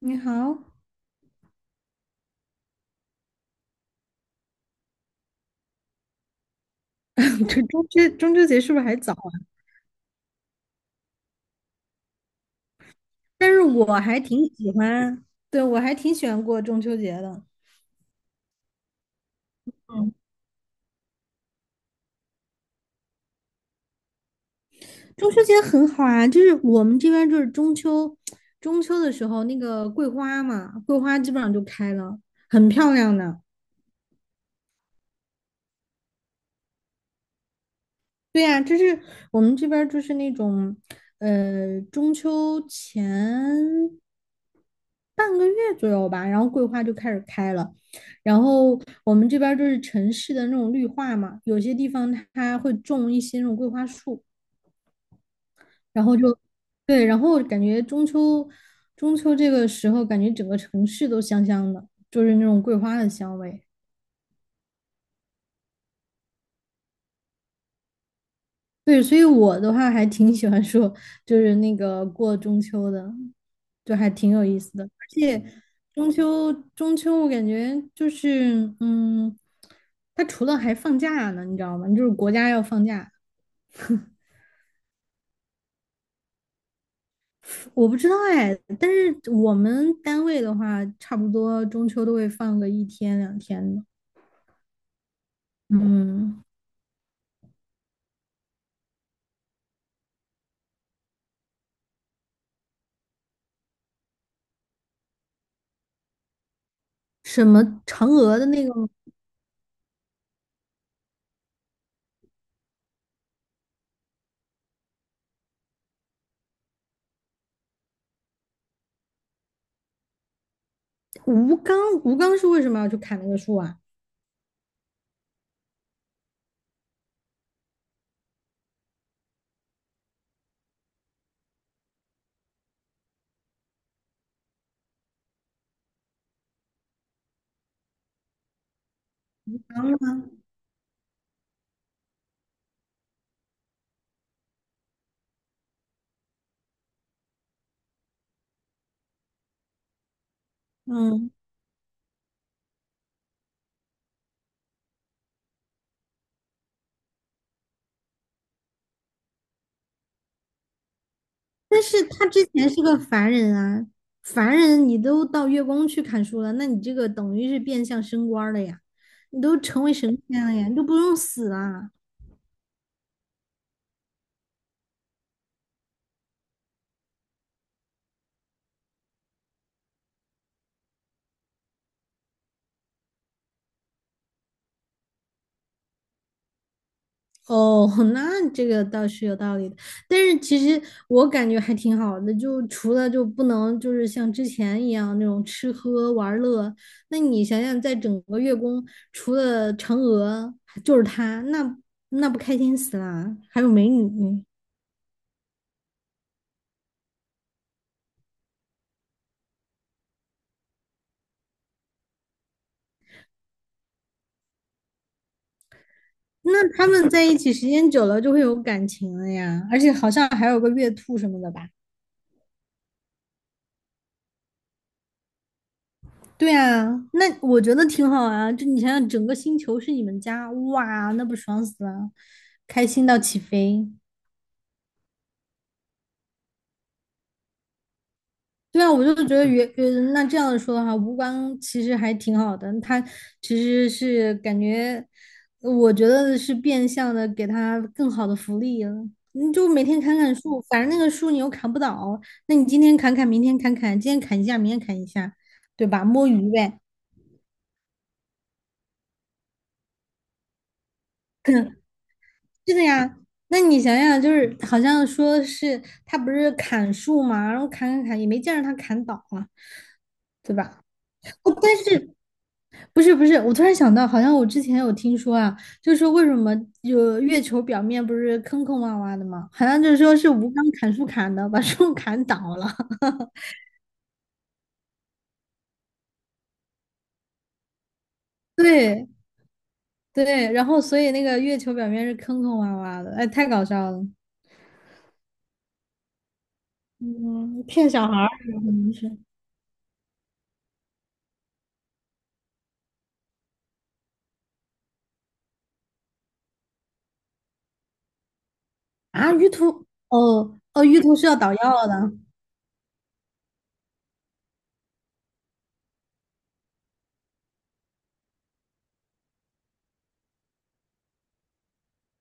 你好，这中秋节是不是还早啊？但是我还挺喜欢，对，我还挺喜欢过中秋节的。嗯，中秋节很好啊，就是我们这边就是中秋，中秋的时候那个桂花嘛，桂花基本上就开了，很漂亮的。对呀，就是我们这边儿就是那种，中秋前半个月左右吧，然后桂花就开始开了。然后我们这边儿就是城市的那种绿化嘛，有些地方它会种一些那种桂花树，然后就对，然后感觉中秋这个时候，感觉整个城市都香香的，就是那种桂花的香味。对，所以我的话还挺喜欢说，就是那个过中秋的，就还挺有意思的。而且中秋，中秋我感觉就是，嗯，它除了还放假呢，你知道吗？就是国家要放假，我不知道哎。但是我们单位的话，差不多中秋都会放个一天两天的。嗯，什么嫦娥的那个吴刚，吴刚是为什么要去砍那个树啊？嗯。但是他之前是个凡人啊，凡人你都到月宫去砍树了，那你这个等于是变相升官儿了呀，你都成为神仙了呀，你都不用死啊。哦，那这个倒是有道理的，但是其实我感觉还挺好的，就除了就不能就是像之前一样那种吃喝玩乐，那你想想，在整个月宫除了嫦娥就是他，那那不开心死啦，还有美女。那他们在一起时间久了就会有感情了呀，而且好像还有个月兔什么的吧？对啊，那我觉得挺好啊。就你想想，整个星球是你们家，哇，那不爽死了，开心到起飞。对啊，我就觉得原那这样说的话，吴刚其实还挺好的。他其实是感觉，我觉得是变相的给他更好的福利了。你就每天砍砍树，反正那个树你又砍不倒，那你今天砍砍，明天砍砍，今天砍一下，明天砍一下，对吧？摸鱼呗，是的呀。那你想想，就是好像说是他不是砍树嘛，然后砍砍砍，也没见着他砍倒啊，对吧？哦，但是不是，我突然想到，好像我之前有听说啊，就是说为什么有月球表面不是坑坑洼洼的吗？好像就是说是吴刚砍树砍的，把树砍倒了。对对，然后所以那个月球表面是坑坑洼洼的，哎，太搞笑了。嗯，骗小孩儿有可能是啊，玉兔哦哦，玉兔是要捣药的。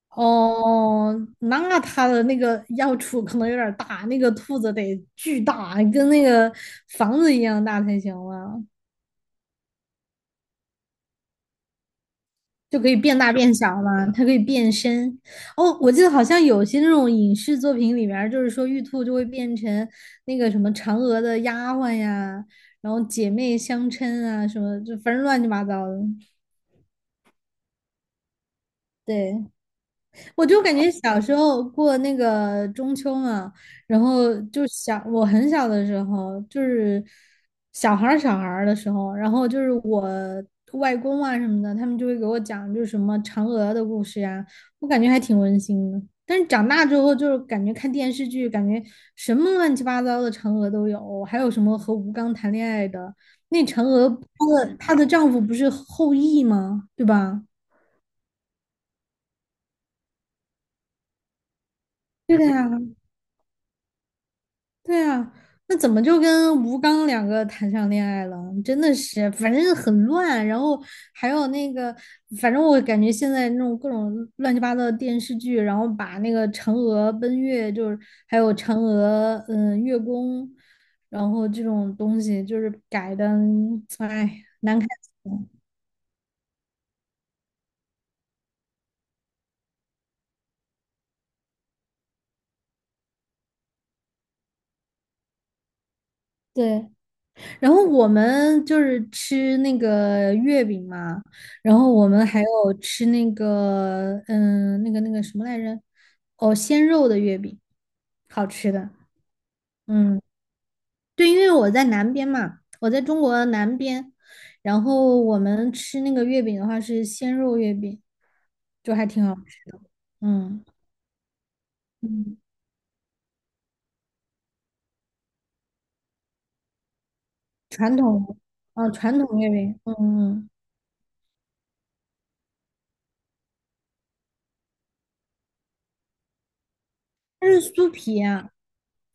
哦，那它的那个药处可能有点儿大，那个兔子得巨大，跟那个房子一样大才行了，就可以变大变小嘛，它可以变身。哦，我记得好像有些那种影视作品里面儿，就是说玉兔就会变成那个什么嫦娥的丫鬟呀，然后姐妹相称啊，什么就反正乱七八糟的。对，我就感觉小时候过那个中秋嘛，然后就小，我很小的时候，就是小孩儿的时候，然后就是我外公啊什么的，他们就会给我讲就是什么嫦娥的故事呀，我感觉还挺温馨的。但是长大之后，就是感觉看电视剧，感觉什么乱七八糟的嫦娥都有，还有什么和吴刚谈恋爱的，那嫦娥她的丈夫不是后羿吗？对吧？对的呀。对啊，那怎么就跟吴刚两个谈上恋爱了？真的是，反正很乱，然后还有那个，反正我感觉现在那种各种乱七八糟的电视剧，然后把那个嫦娥奔月，就是还有嫦娥嗯月宫，然后这种东西就是改的，哎，难看死了。对。然后我们就是吃那个月饼嘛，然后我们还有吃那个，嗯，那个那个什么来着？哦，鲜肉的月饼，好吃的。嗯，对，因为我在南边嘛，我在中国南边，然后我们吃那个月饼的话是鲜肉月饼，就还挺好吃的。嗯嗯，传统，啊，传统月饼，嗯嗯，它是酥皮啊。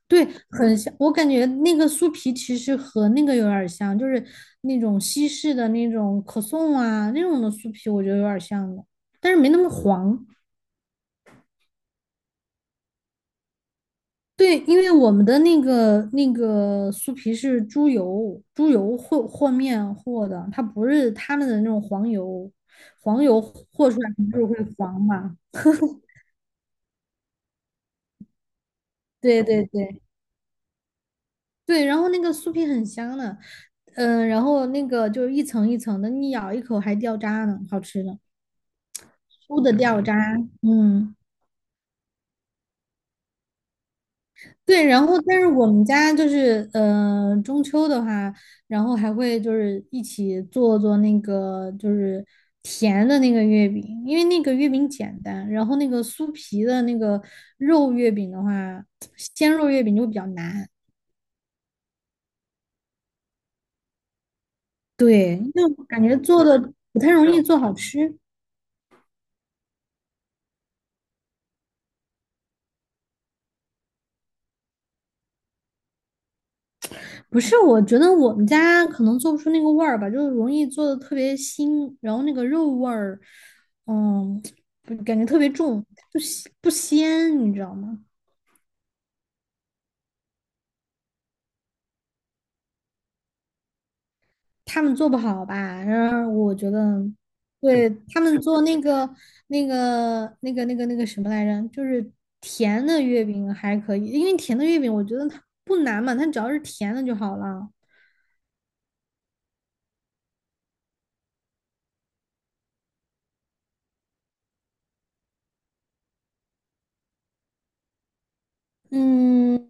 对，很像，我感觉那个酥皮其实和那个有点儿像，就是那种西式的那种可颂啊那种的酥皮，我觉得有点儿像的，但是没那么黄。对，因为我们的那个酥皮是猪油，猪油和面和的，它不是他们的那种黄油，黄油和出来就是会黄嘛。对对对对，然后那个酥皮很香的，嗯、然后那个就是一层一层的，你咬一口还掉渣呢，好吃的。猪的掉渣，嗯，对，然后但是我们家就是中秋的话，然后还会就是一起做做那个就是甜的那个月饼，因为那个月饼简单，然后那个酥皮的那个肉月饼的话，鲜肉月饼就比较难，对，就感觉做的不太容易做好吃。不是，我觉得我们家可能做不出那个味儿吧，就是容易做的特别腥，然后那个肉味儿，嗯，不感觉特别重，不鲜，你知道吗？他们做不好吧？然后我觉得，对，他们做那个那个什么来着，就是甜的月饼还可以，因为甜的月饼我觉得它不难嘛，它只要是甜的就好了。嗯，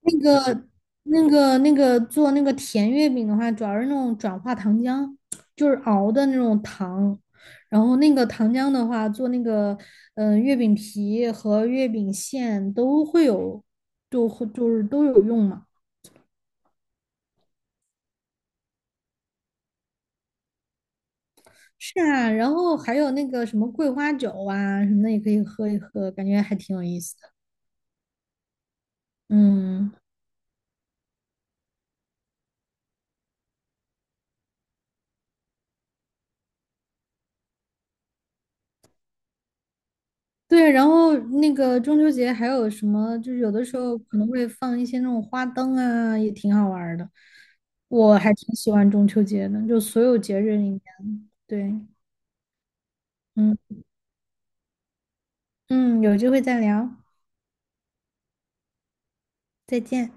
那个、那个做那个甜月饼的话，主要是那种转化糖浆，就是熬的那种糖。然后那个糖浆的话，做那个嗯、月饼皮和月饼馅都会有，就会就是都有用嘛。是啊，然后还有那个什么桂花酒啊什么的也可以喝一喝，感觉还挺有意思的。嗯，对，然后那个中秋节还有什么，就是有的时候可能会放一些那种花灯啊，也挺好玩儿的。我还挺喜欢中秋节的，就所有节日里面，对，嗯嗯，有机会再聊，再见。